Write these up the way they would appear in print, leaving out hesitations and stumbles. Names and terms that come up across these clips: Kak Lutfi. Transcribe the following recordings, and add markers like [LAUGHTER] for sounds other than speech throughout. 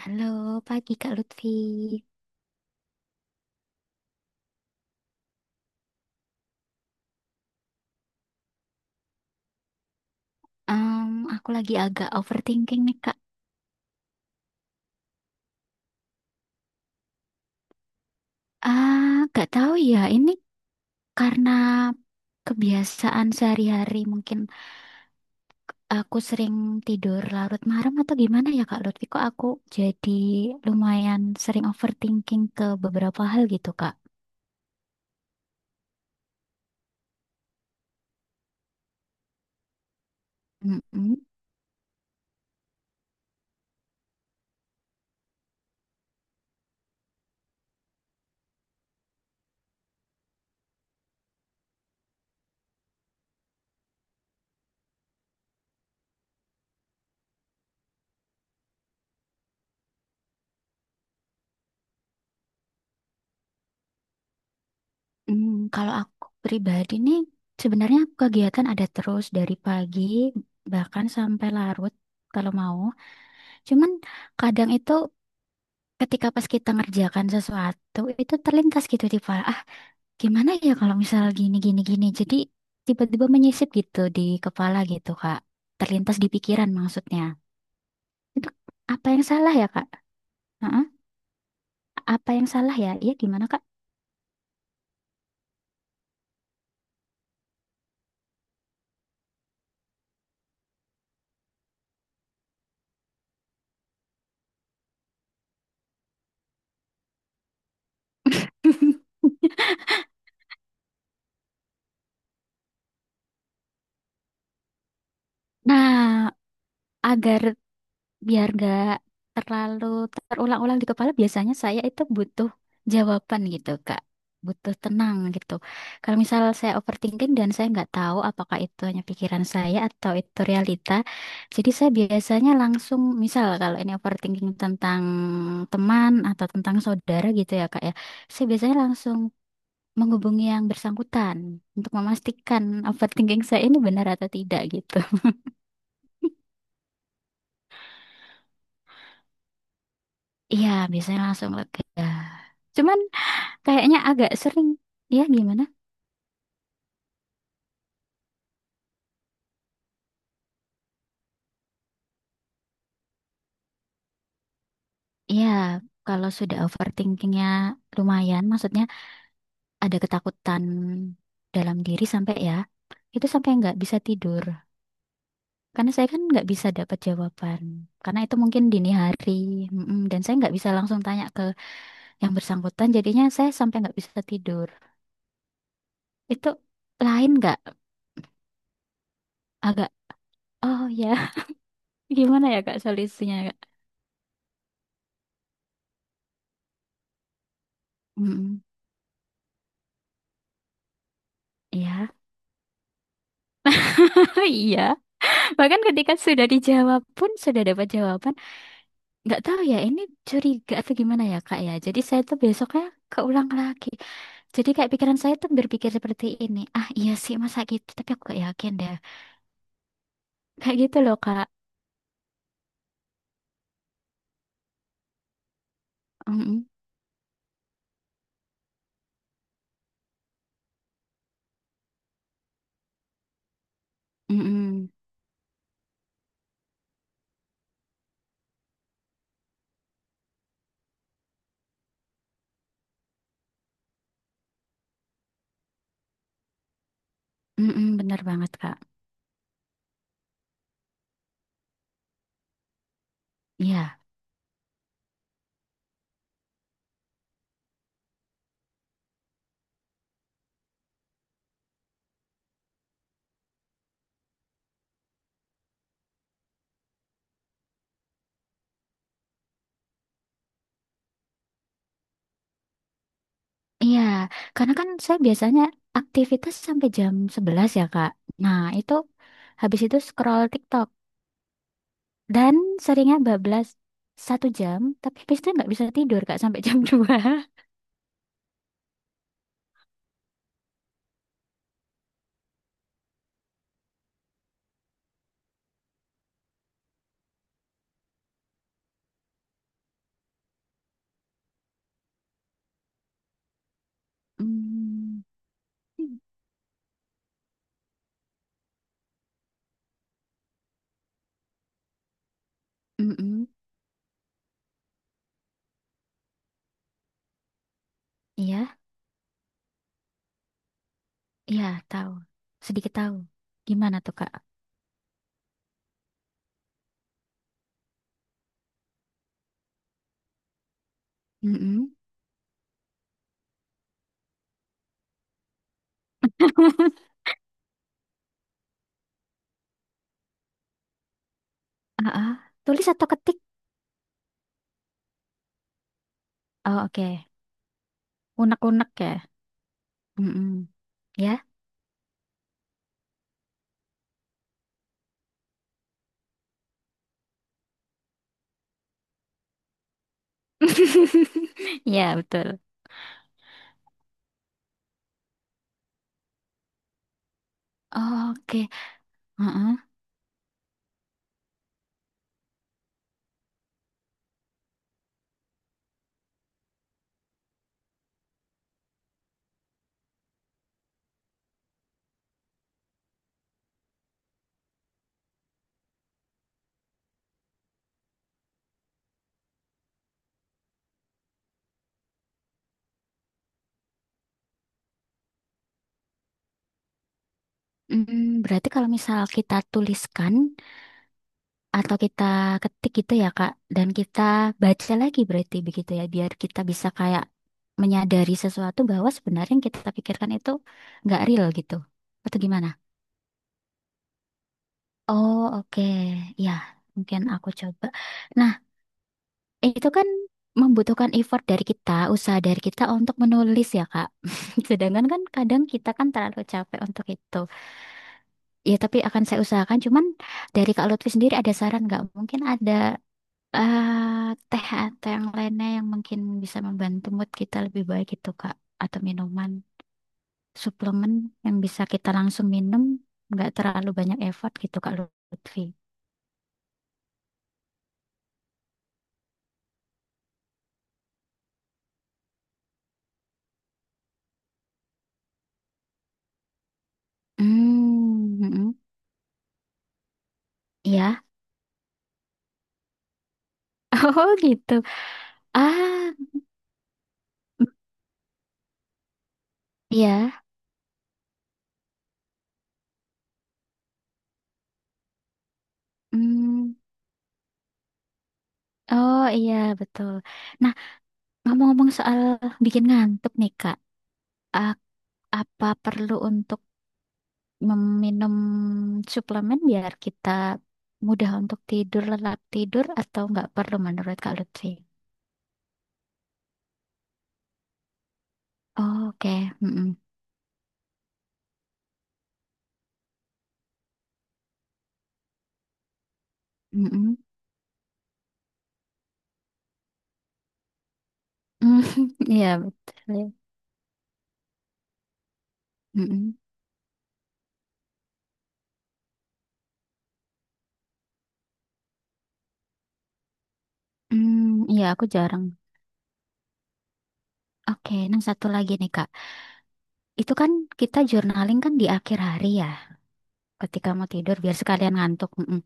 Halo, pagi Kak Lutfi. Em, aku lagi agak overthinking nih Kak. Ah, gak tahu ya. Ini karena kebiasaan sehari-hari mungkin aku sering tidur larut malam atau gimana ya Kak Lutfi? Kok aku jadi lumayan sering overthinking ke beberapa hal gitu Kak. Mm-mm. Kalau aku pribadi nih, sebenarnya aku kegiatan ada terus dari pagi bahkan sampai larut kalau mau. Cuman kadang itu ketika pas kita ngerjakan sesuatu itu terlintas gitu di kepala, ah gimana ya kalau misal gini gini gini, jadi tiba-tiba menyisip gitu di kepala gitu kak. Terlintas di pikiran, maksudnya. Itu apa yang salah ya kak? Heeh. Apa yang salah ya, iya gimana kak? [LAUGHS] Nah, agar biar gak terlalu terulang-ulang di kepala, biasanya saya itu butuh jawaban gitu Kak, butuh tenang gitu. Kalau misal saya overthinking dan saya nggak tahu apakah itu hanya pikiran saya atau itu realita, jadi saya biasanya langsung misal kalau ini overthinking tentang teman atau tentang saudara gitu ya Kak ya, saya biasanya langsung menghubungi yang bersangkutan untuk memastikan overthinking saya ini benar atau tidak gitu. Iya, biasanya langsung lega. Cuman kayaknya agak sering. Ya, gimana? Ya, kalau sudah overthinkingnya lumayan, maksudnya ada ketakutan dalam diri sampai ya, itu sampai nggak bisa tidur. Karena saya kan nggak bisa dapat jawaban. Karena itu mungkin dini hari, mm-mm, dan saya nggak bisa langsung tanya ke yang bersangkutan. Jadinya saya sampai nggak bisa tidur. Itu lain nggak? Agak, oh ya, [LAUGHS] gimana ya Kak solusinya? Kak? Mm-mm. Iya, [LAUGHS] iya. Bahkan ketika sudah dijawab pun sudah dapat jawaban. Nggak tahu ya, ini curiga atau gimana ya kak ya, jadi saya tuh besoknya keulang lagi, jadi kayak pikiran saya tuh berpikir seperti ini, ah iya sih masa gitu tapi aku gak yakin deh, kayak gitu loh kak. mm Bener banget kak. Iya, iya, karena kan saya biasanya aktivitas sampai jam 11 ya kak. Nah itu, habis itu scroll TikTok dan seringnya bablas 1 jam, tapi habis itu nggak bisa tidur kak sampai jam 2. [LAUGHS] Mm, mm. Iya. Iya, tahu. Sedikit tahu. Gimana tuh, Kak? Mm-mm. [LAUGHS] Ah, ah. Tulis atau ketik? Oh, oke. Unek-unek ya. Mm-mm. Ya. [LAUGHS] Ya, betul. Oke. Heeh. Berarti kalau misal kita tuliskan atau kita ketik gitu ya, Kak, dan kita baca lagi berarti begitu ya, biar kita bisa kayak menyadari sesuatu bahwa sebenarnya yang kita pikirkan itu nggak real gitu. Atau gimana? Oh, oke. Ya, mungkin aku coba. Nah, itu kan membutuhkan effort dari kita, usaha dari kita untuk menulis ya, Kak. [LAUGHS] Sedangkan kan kadang kita kan terlalu capek untuk itu. Ya, tapi akan saya usahakan. Cuman dari Kak Lutfi sendiri ada saran nggak? Mungkin ada, eh, teh atau yang lainnya yang mungkin bisa membantu mood kita lebih baik gitu, Kak. Atau minuman, suplemen yang bisa kita langsung minum, nggak terlalu banyak effort gitu, Kak Lutfi. Hmm, mm, mm. Ya, [LAUGHS] oh gitu. Ah, mm, iya. Hmm. Oh iya, betul. Nah, ngomong-ngomong soal bikin ngantuk nih, Kak. A- Apa perlu untuk meminum suplemen biar kita mudah untuk tidur, lelap tidur, atau nggak perlu menurut Kak Lutfi? Oh, oke. Mm-mm. Mm-mm. Mm, [LAUGHS] iya, betul. Ya. Mm-mm. Hmm, iya, aku jarang. Oke, nah satu lagi nih, Kak. Itu kan kita journaling kan di akhir hari ya. Ketika mau tidur biar sekalian ngantuk. Mm-mm.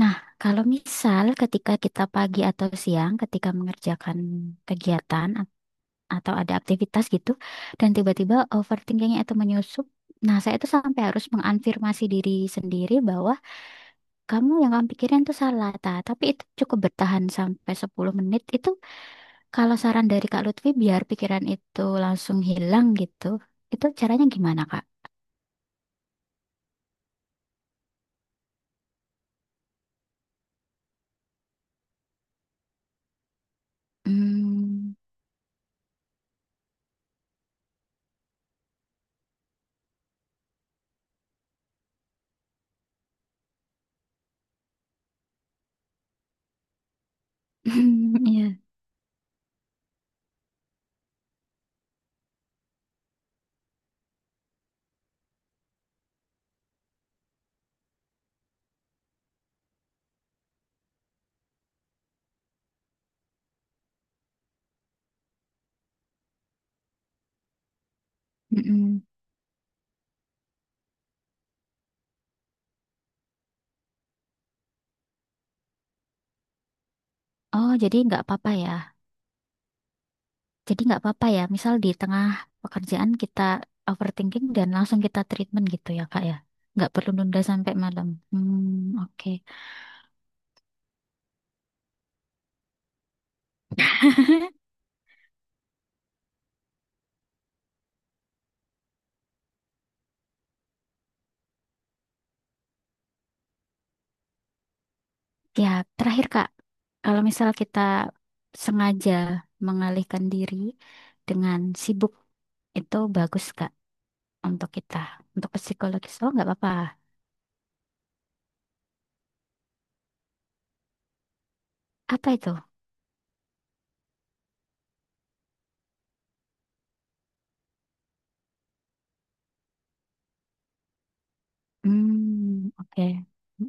Nah, kalau misal ketika kita pagi atau siang, ketika mengerjakan kegiatan atau ada aktivitas gitu, dan tiba-tiba overthinkingnya itu menyusup, nah saya itu sampai harus mengafirmasi diri sendiri bahwa kamu, yang kamu pikirin itu salah, Ta. Tapi itu cukup bertahan sampai 10 menit, itu kalau saran dari Kak Lutfi biar pikiran itu langsung hilang gitu, itu caranya gimana Kak? Hmm, [LAUGHS] iya. Mm-mm. Oh, jadi nggak apa-apa ya. Jadi nggak apa-apa ya. Misal di tengah pekerjaan kita overthinking dan langsung kita treatment gitu ya, Kak ya. Nggak perlu nunda sampai malam. Hmm, oke. Ya, terakhir Kak, kalau misal kita sengaja mengalihkan diri dengan sibuk, itu bagus Kak untuk kita, untuk psikologis. Oh, nggak apa-apa. Apa itu? Hmm, oke. Hmm,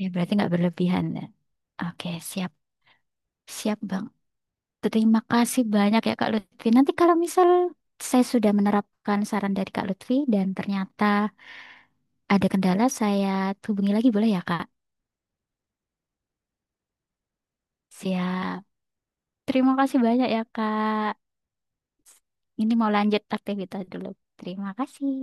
ya, berarti nggak berlebihan ya. Oke, siap. Siap, Bang. Terima kasih banyak ya Kak Lutfi. Nanti kalau misal saya sudah menerapkan saran dari Kak Lutfi dan ternyata ada kendala, saya hubungi lagi boleh ya Kak? Siap. Terima kasih banyak ya Kak. Ini mau lanjut aktivitas dulu. Terima kasih.